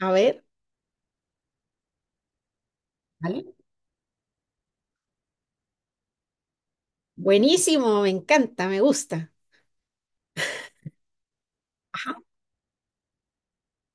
A ver, ¿vale? Buenísimo, me encanta, me gusta. Ajá.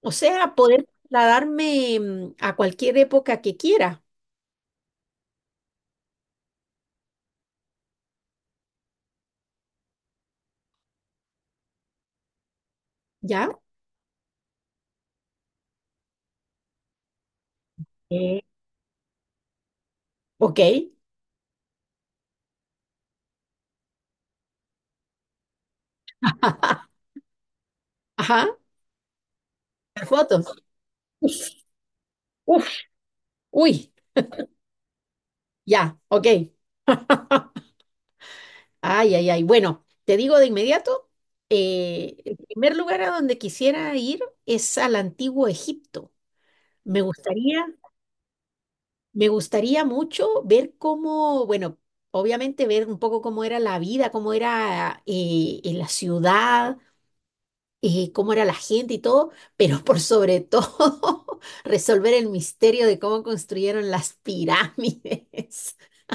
O sea, poder trasladarme a cualquier época que quiera, ¿ya? Eh, Ok, ajá, las fotos. Uf, uy, ya, ok. Ay, ay, ay. Bueno, te digo de inmediato, el primer lugar a donde quisiera ir es al antiguo Egipto. Me gustaría. Me gustaría mucho ver cómo, bueno, obviamente ver un poco cómo era la vida, cómo era en la ciudad, cómo era la gente y todo, pero por sobre todo resolver el misterio de cómo construyeron las pirámides.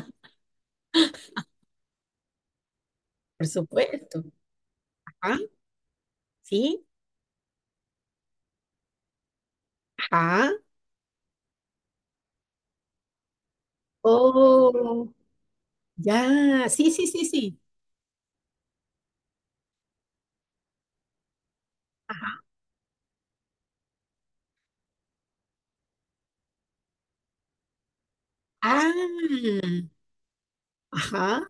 Por supuesto. Ajá, sí, ajá. Oh, ya, sí, sí, sí, sí. Ajá. Ah, ajá.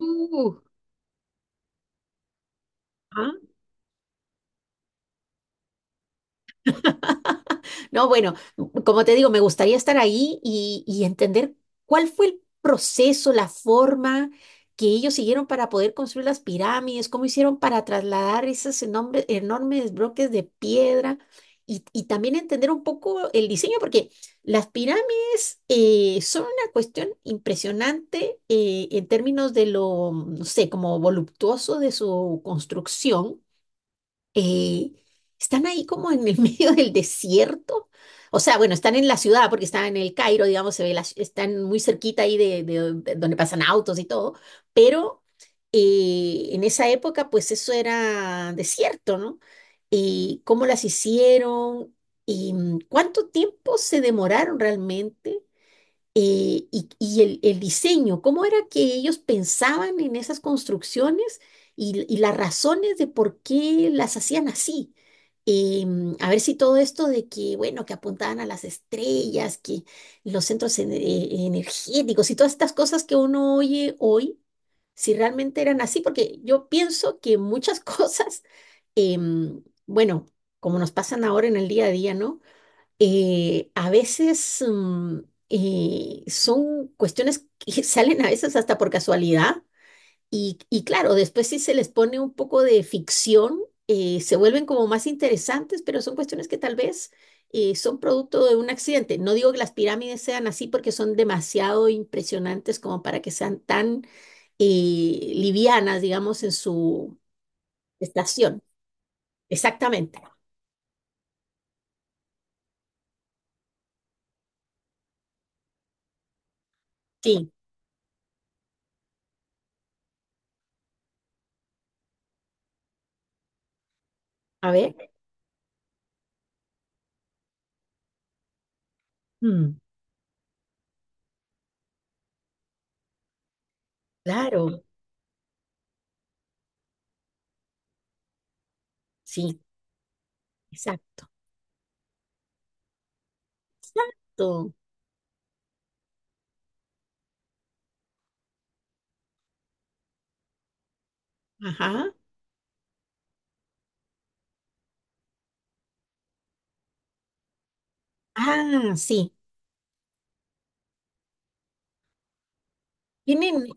Uh, ajá. No, bueno, como te digo, me gustaría estar ahí y entender cuál fue el proceso, la forma que ellos siguieron para poder construir las pirámides, cómo hicieron para trasladar esos enormes, enormes bloques de piedra y también entender un poco el diseño, porque las pirámides son una cuestión impresionante en términos de lo, no sé, como voluptuoso de su construcción, eh, están ahí como en el medio del desierto. O sea, bueno, están en la ciudad porque están en el Cairo, digamos, se ve la están muy cerquita ahí de, de donde pasan autos y todo, pero en esa época pues eso era desierto, ¿no? ¿Y cómo las hicieron? ¿Y cuánto tiempo se demoraron realmente? Y el diseño, cómo era que ellos pensaban en esas construcciones y las razones de por qué las hacían así. A ver si todo esto de que, bueno, que apuntaban a las estrellas, que los centros energéticos y todas estas cosas que uno oye hoy, si realmente eran así, porque yo pienso que muchas cosas, em, bueno, como nos pasan ahora en el día a día, ¿no? A veces son cuestiones que salen a veces hasta por casualidad y claro, después si se les pone un poco de ficción, se vuelven como más interesantes, pero son cuestiones que tal vez son producto de un accidente. No digo que las pirámides sean así porque son demasiado impresionantes como para que sean tan livianas, digamos, en su estación. Exactamente. Sí, a ver. Mm, claro, sí, exacto. Exacto. Ajá. Ah, sí. Tienen,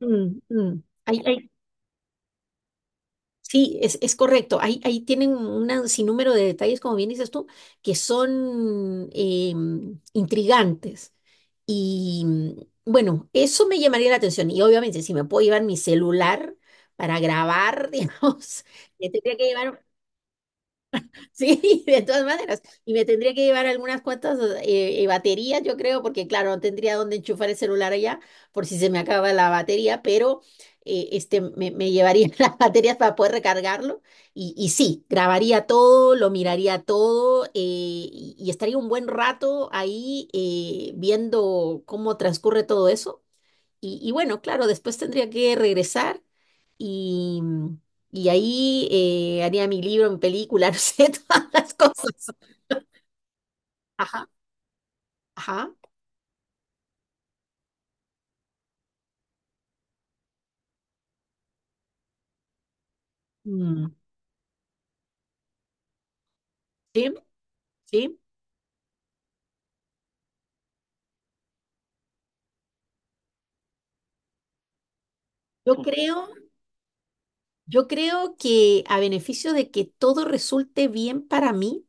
mm, mm, hay- hay- sí, es correcto. Ahí, ahí tienen un sinnúmero de detalles, como bien dices tú, que son intrigantes. Y bueno, eso me llamaría la atención. Y obviamente, si me puedo llevar mi celular para grabar, digamos, me tendría que llevar. Sí, de todas maneras. Y me tendría que llevar algunas cuantas baterías, yo creo, porque claro, no tendría dónde enchufar el celular allá por si se me acaba la batería, pero me llevaría las baterías para poder recargarlo. Y sí, grabaría todo, lo miraría todo y estaría un buen rato ahí viendo cómo transcurre todo eso. Y bueno, claro, después tendría que regresar y, y ahí haría mi libro, mi película, no sé, todas las cosas. Ajá, ajá. Mm, sí, sí. Yo Mm. creo, yo creo que a beneficio de que todo resulte bien para mí,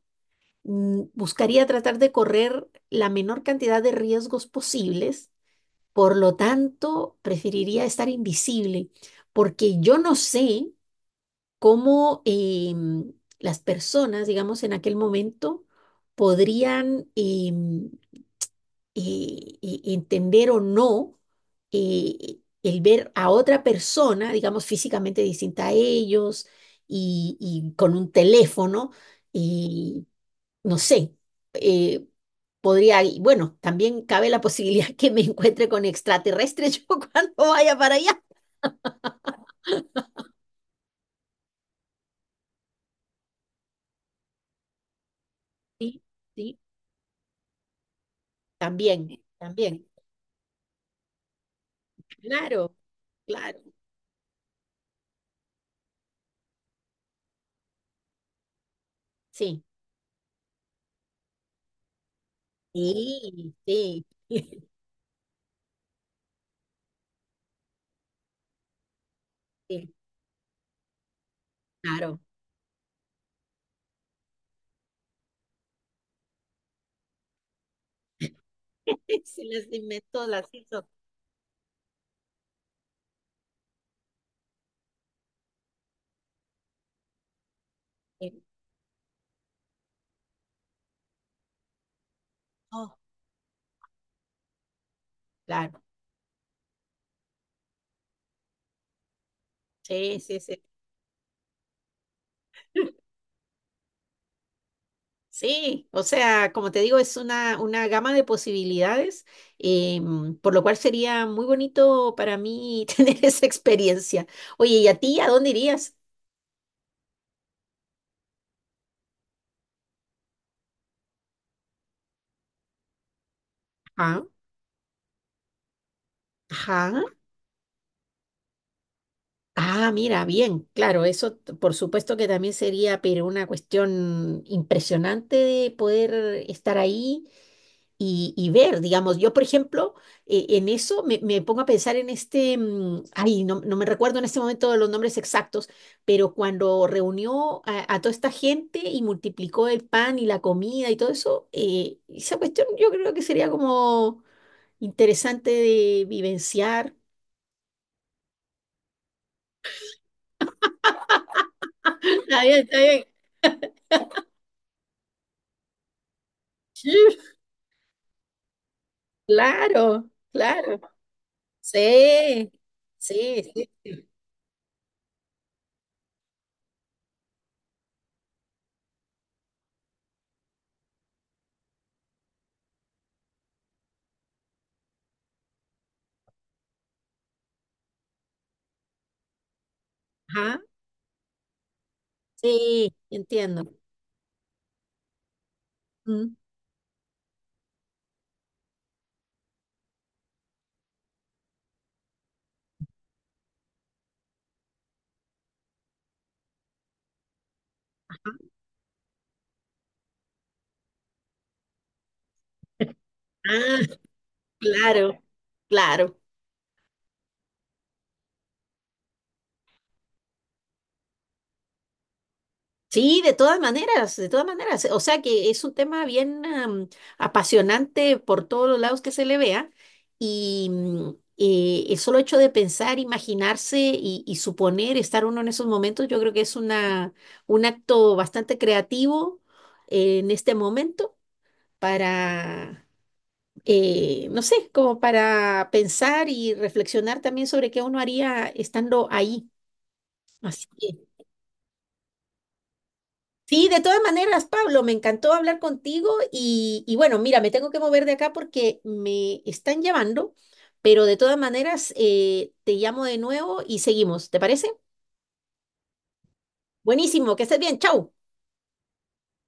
buscaría tratar de correr la menor cantidad de riesgos posibles. Por lo tanto, preferiría estar invisible, porque yo no sé cómo las personas, digamos, en aquel momento podrían entender o no el ver a otra persona, digamos, físicamente distinta a ellos, y con un teléfono, y no sé, eh, podría, y bueno, también cabe la posibilidad que me encuentre con extraterrestres yo cuando vaya para allá. Sí, sí, también, también, claro. Claro. Sí, sí, sí, sí, claro. Se las inventó, las hizo. Inventó, claro, sí, sí, sí. Sí, o sea, como te digo, es una gama de posibilidades, por lo cual sería muy bonito para mí tener esa experiencia. Oye, ¿y a ti a dónde irías? Ajá, ajá. Ah, mira, bien, claro, eso por supuesto que también sería, pero una cuestión impresionante de poder estar ahí y ver, digamos, yo por ejemplo, en eso me pongo a pensar en este, mm, ay, no, no me recuerdo en este momento los nombres exactos, pero cuando reunió a toda esta gente y multiplicó el pan y la comida y todo eso, esa cuestión yo creo que sería como interesante de vivenciar. Está bien, está bien. Claro, claro. Sí, sí, sí. Ajá, sí, entiendo. Mm. Ah, claro, claro. Sí, de todas maneras, de todas maneras. O sea que es un tema bien am, apasionante por todos los lados que se le vea. Y el solo hecho de pensar, imaginarse y suponer estar uno en esos momentos, yo creo que es una, un acto bastante creativo en este momento para no sé, como para pensar y reflexionar también sobre qué uno haría estando ahí. Así que, sí, de todas maneras, Pablo, me encantó hablar contigo y bueno, mira, me tengo que mover de acá porque me están llamando, pero de todas maneras, te llamo de nuevo y seguimos, ¿te parece? Buenísimo, que estés bien, chau.